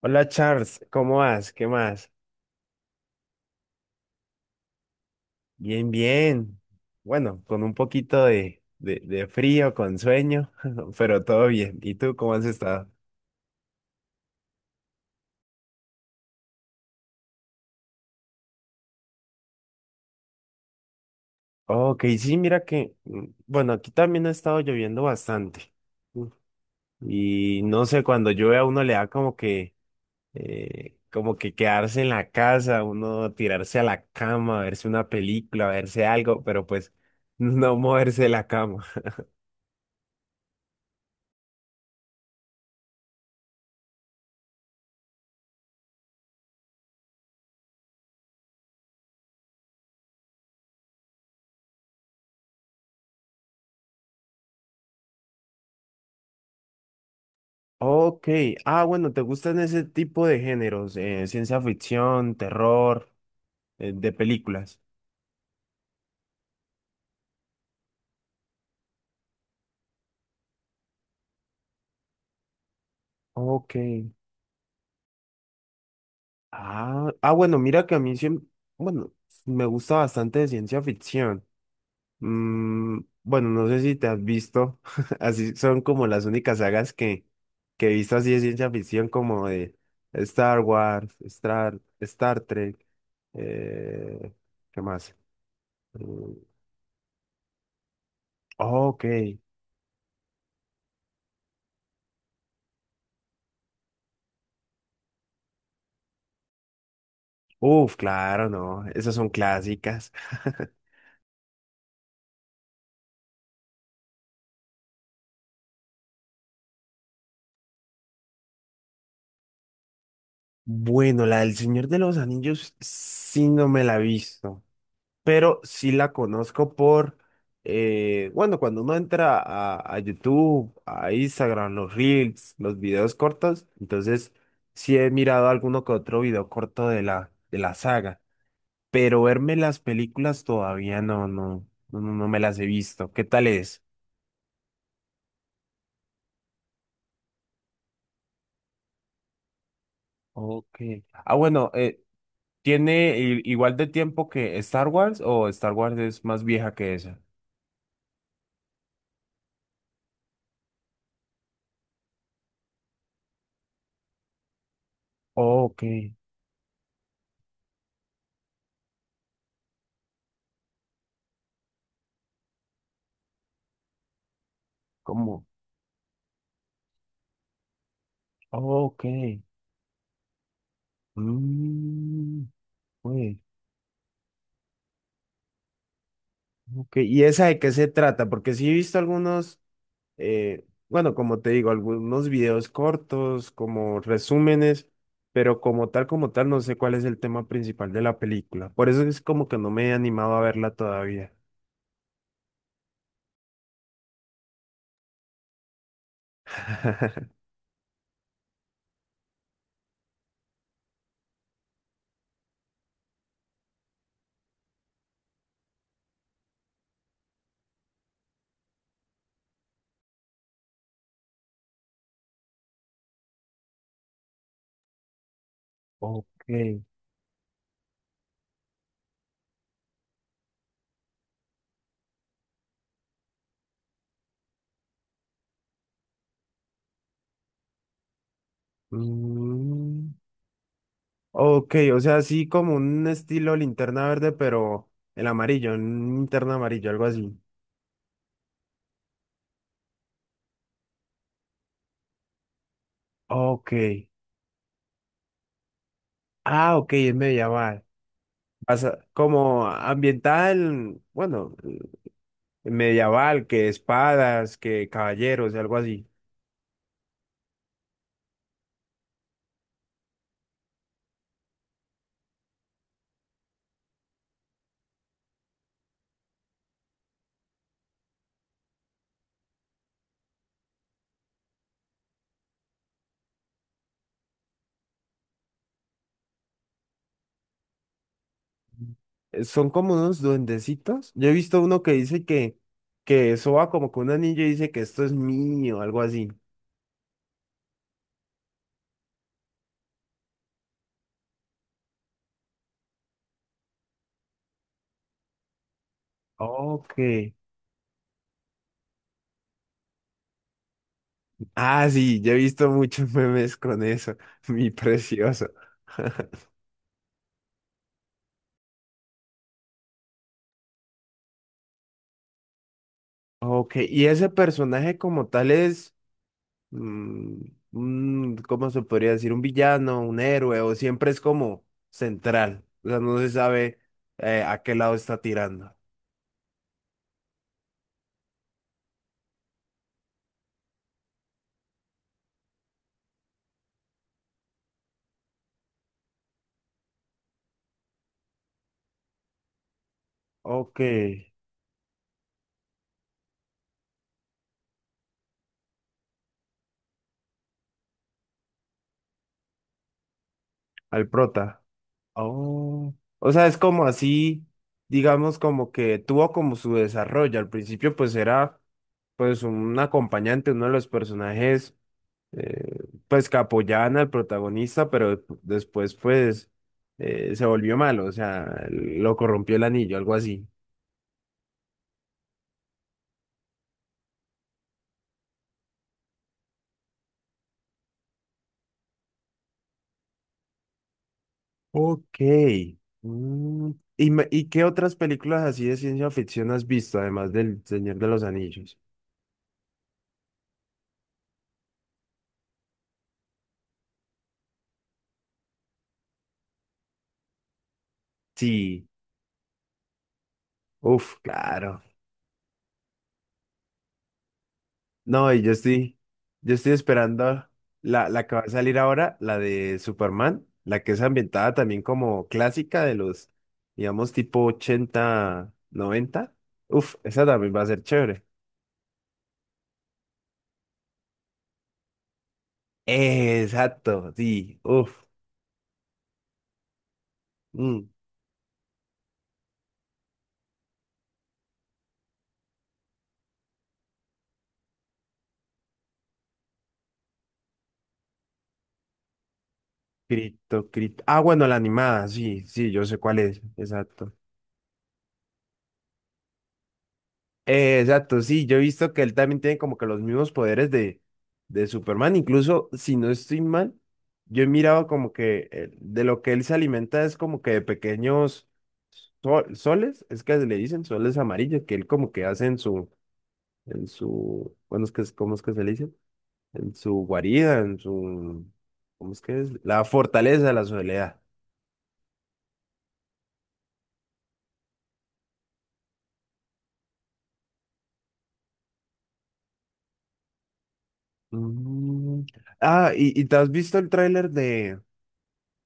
Hola Charles, ¿cómo vas? ¿Qué más? Bien, bien. Bueno, con un poquito de frío, con sueño, pero todo bien. ¿Y tú cómo has estado? Ok, sí, mira que, bueno, aquí también ha estado lloviendo bastante. Mm. Y no sé, cuando llueve a uno le da como que quedarse en la casa, uno tirarse a la cama, verse una película, verse algo, pero pues no moverse de la cama. Ok, ah, bueno, ¿te gustan ese tipo de géneros? Ciencia ficción, terror, de películas. Ok. Ah, ah, bueno, mira que a mí siempre, bueno, me gusta bastante de ciencia ficción. Mm, bueno, no sé si te has visto, así son como las únicas sagas que he visto así de ciencia ficción, como de Star Wars, Star Trek, eh, ¿qué más? Mm, ok. Uf, claro, no, esas son clásicas. Bueno, la del Señor de los Anillos sí no me la he visto, pero sí la conozco por, bueno, cuando uno entra a YouTube, a Instagram, los Reels, los videos cortos, entonces sí he mirado alguno que otro video corto de la saga, pero verme las películas todavía no, no, no, no no me las he visto. ¿Qué tal es? Ok. Ah, bueno, ¿Tiene igual de tiempo que Star Wars o Star Wars es más vieja que esa? Ok, ¿cómo? Ok. Mm, pues, ok. ¿Y esa de qué se trata? Porque sí he visto algunos, bueno, como te digo, algunos videos cortos, como resúmenes, pero como tal, no sé cuál es el tema principal de la película. Por eso es como que no me he animado a verla todavía. Ok. Mm. Ok, o sea, así como un estilo linterna verde, pero el amarillo, un linterna amarillo, algo así. Ok. Ah, ok, es medieval. Como ambientada en, bueno, medieval, que espadas, que caballeros, algo así. Son como unos duendecitos. Yo he visto uno que dice que eso va como con un anillo y dice que esto es mío, algo así. Ok. Ah, sí, yo he visto muchos memes con eso, mi precioso. Ok, y ese personaje como tal es, mm, ¿cómo se podría decir? ¿Un villano, un héroe? ¿O siempre es como central? O sea, no se sabe a qué lado está tirando. Ok, al prota. Oh. O sea, es como así, digamos, como que tuvo como su desarrollo. Al principio pues era pues un acompañante, uno de los personajes eh, pues que apoyaban al protagonista, pero después pues se volvió malo, o sea, lo corrompió el anillo, algo así. Ok. Mm, ¿Y qué otras películas así de ciencia ficción has visto, además del Señor de los Anillos? Sí, uf, claro. No, y yo estoy esperando la, la que va a salir ahora, la de Superman, la que es ambientada también como clásica de los, digamos, tipo 80 noventa. Uf, esa también va a ser chévere. Exacto, sí, uf. mm, cripto, cripto. Ah, bueno, la animada, sí, sí, yo sé cuál es, exacto. Exacto, sí, yo he visto que él también tiene como que los mismos poderes de Superman, incluso si no estoy mal, yo he mirado como que de lo que él se alimenta es como que de pequeños soles, es que le dicen soles amarillos, que él como que hace en su, bueno, es que, ¿cómo es que se le dice? En su guarida, en su, ¿cómo es que es? La fortaleza de la soledad. Mm. Ah, y te has visto el tráiler de,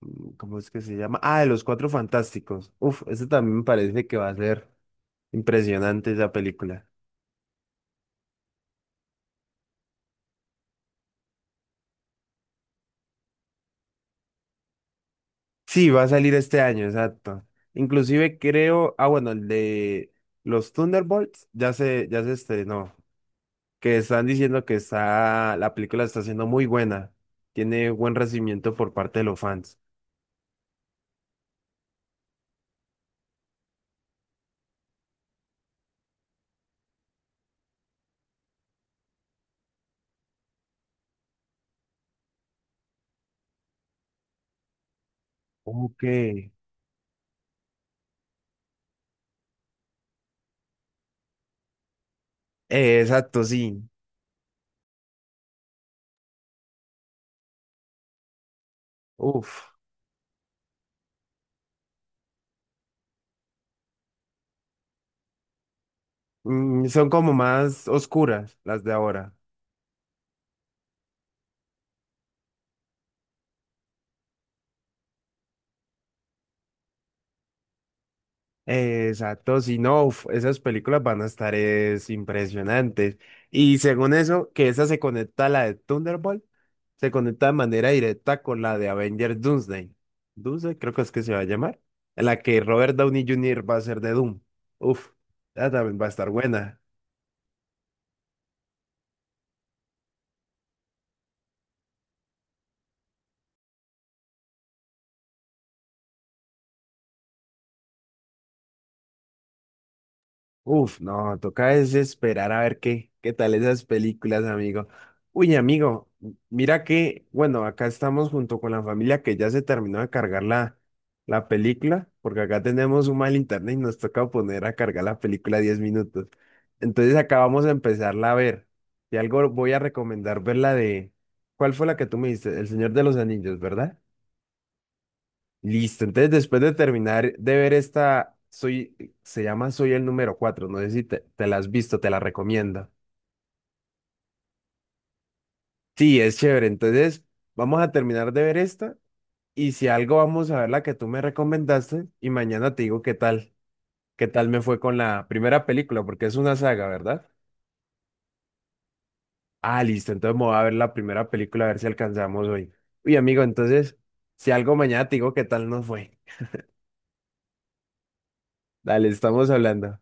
¿cómo es que se llama? Ah, de los Cuatro Fantásticos. Uf, ese también me parece que va a ser impresionante esa película. Sí, va a salir este año, exacto. Inclusive creo, ah, bueno, el de los Thunderbolts ya se estrenó, que están diciendo que está, la película está siendo muy buena, tiene buen recibimiento por parte de los fans. Ok. Exacto, sí. Uf. Son como más oscuras las de ahora. Exacto, si no, uf, esas películas van a estar es, impresionantes. Y según eso, que esa se conecta a la de Thunderbolt, se conecta de manera directa con la de Avengers Doomsday. Doomsday, creo que es que se va a llamar. En la que Robert Downey Jr. va a ser de Doom. Uf, esa también va a estar buena. Uf, no, toca es esperar a ver qué tal esas películas, amigo. Uy, amigo, mira que, bueno, acá estamos junto con la familia que ya se terminó de cargar la película, porque acá tenemos un mal internet y nos toca poner a cargar la película 10 minutos. Entonces acá vamos a empezarla a ver. Y algo voy a recomendar ver la de, ¿cuál fue la que tú me diste? El Señor de los Anillos, ¿verdad? Listo, entonces después de terminar de ver esta, soy, se llama Soy el número cuatro, no sé si te la has visto, te la recomiendo. Sí, es chévere, entonces vamos a terminar de ver esta y si algo vamos a ver la que tú me recomendaste y mañana te digo qué tal, me fue con la primera película, porque es una saga, ¿verdad? Ah, listo, entonces me voy a ver la primera película a ver si alcanzamos hoy. Uy, amigo, entonces, si algo mañana te digo qué tal nos fue. Dale, estamos hablando.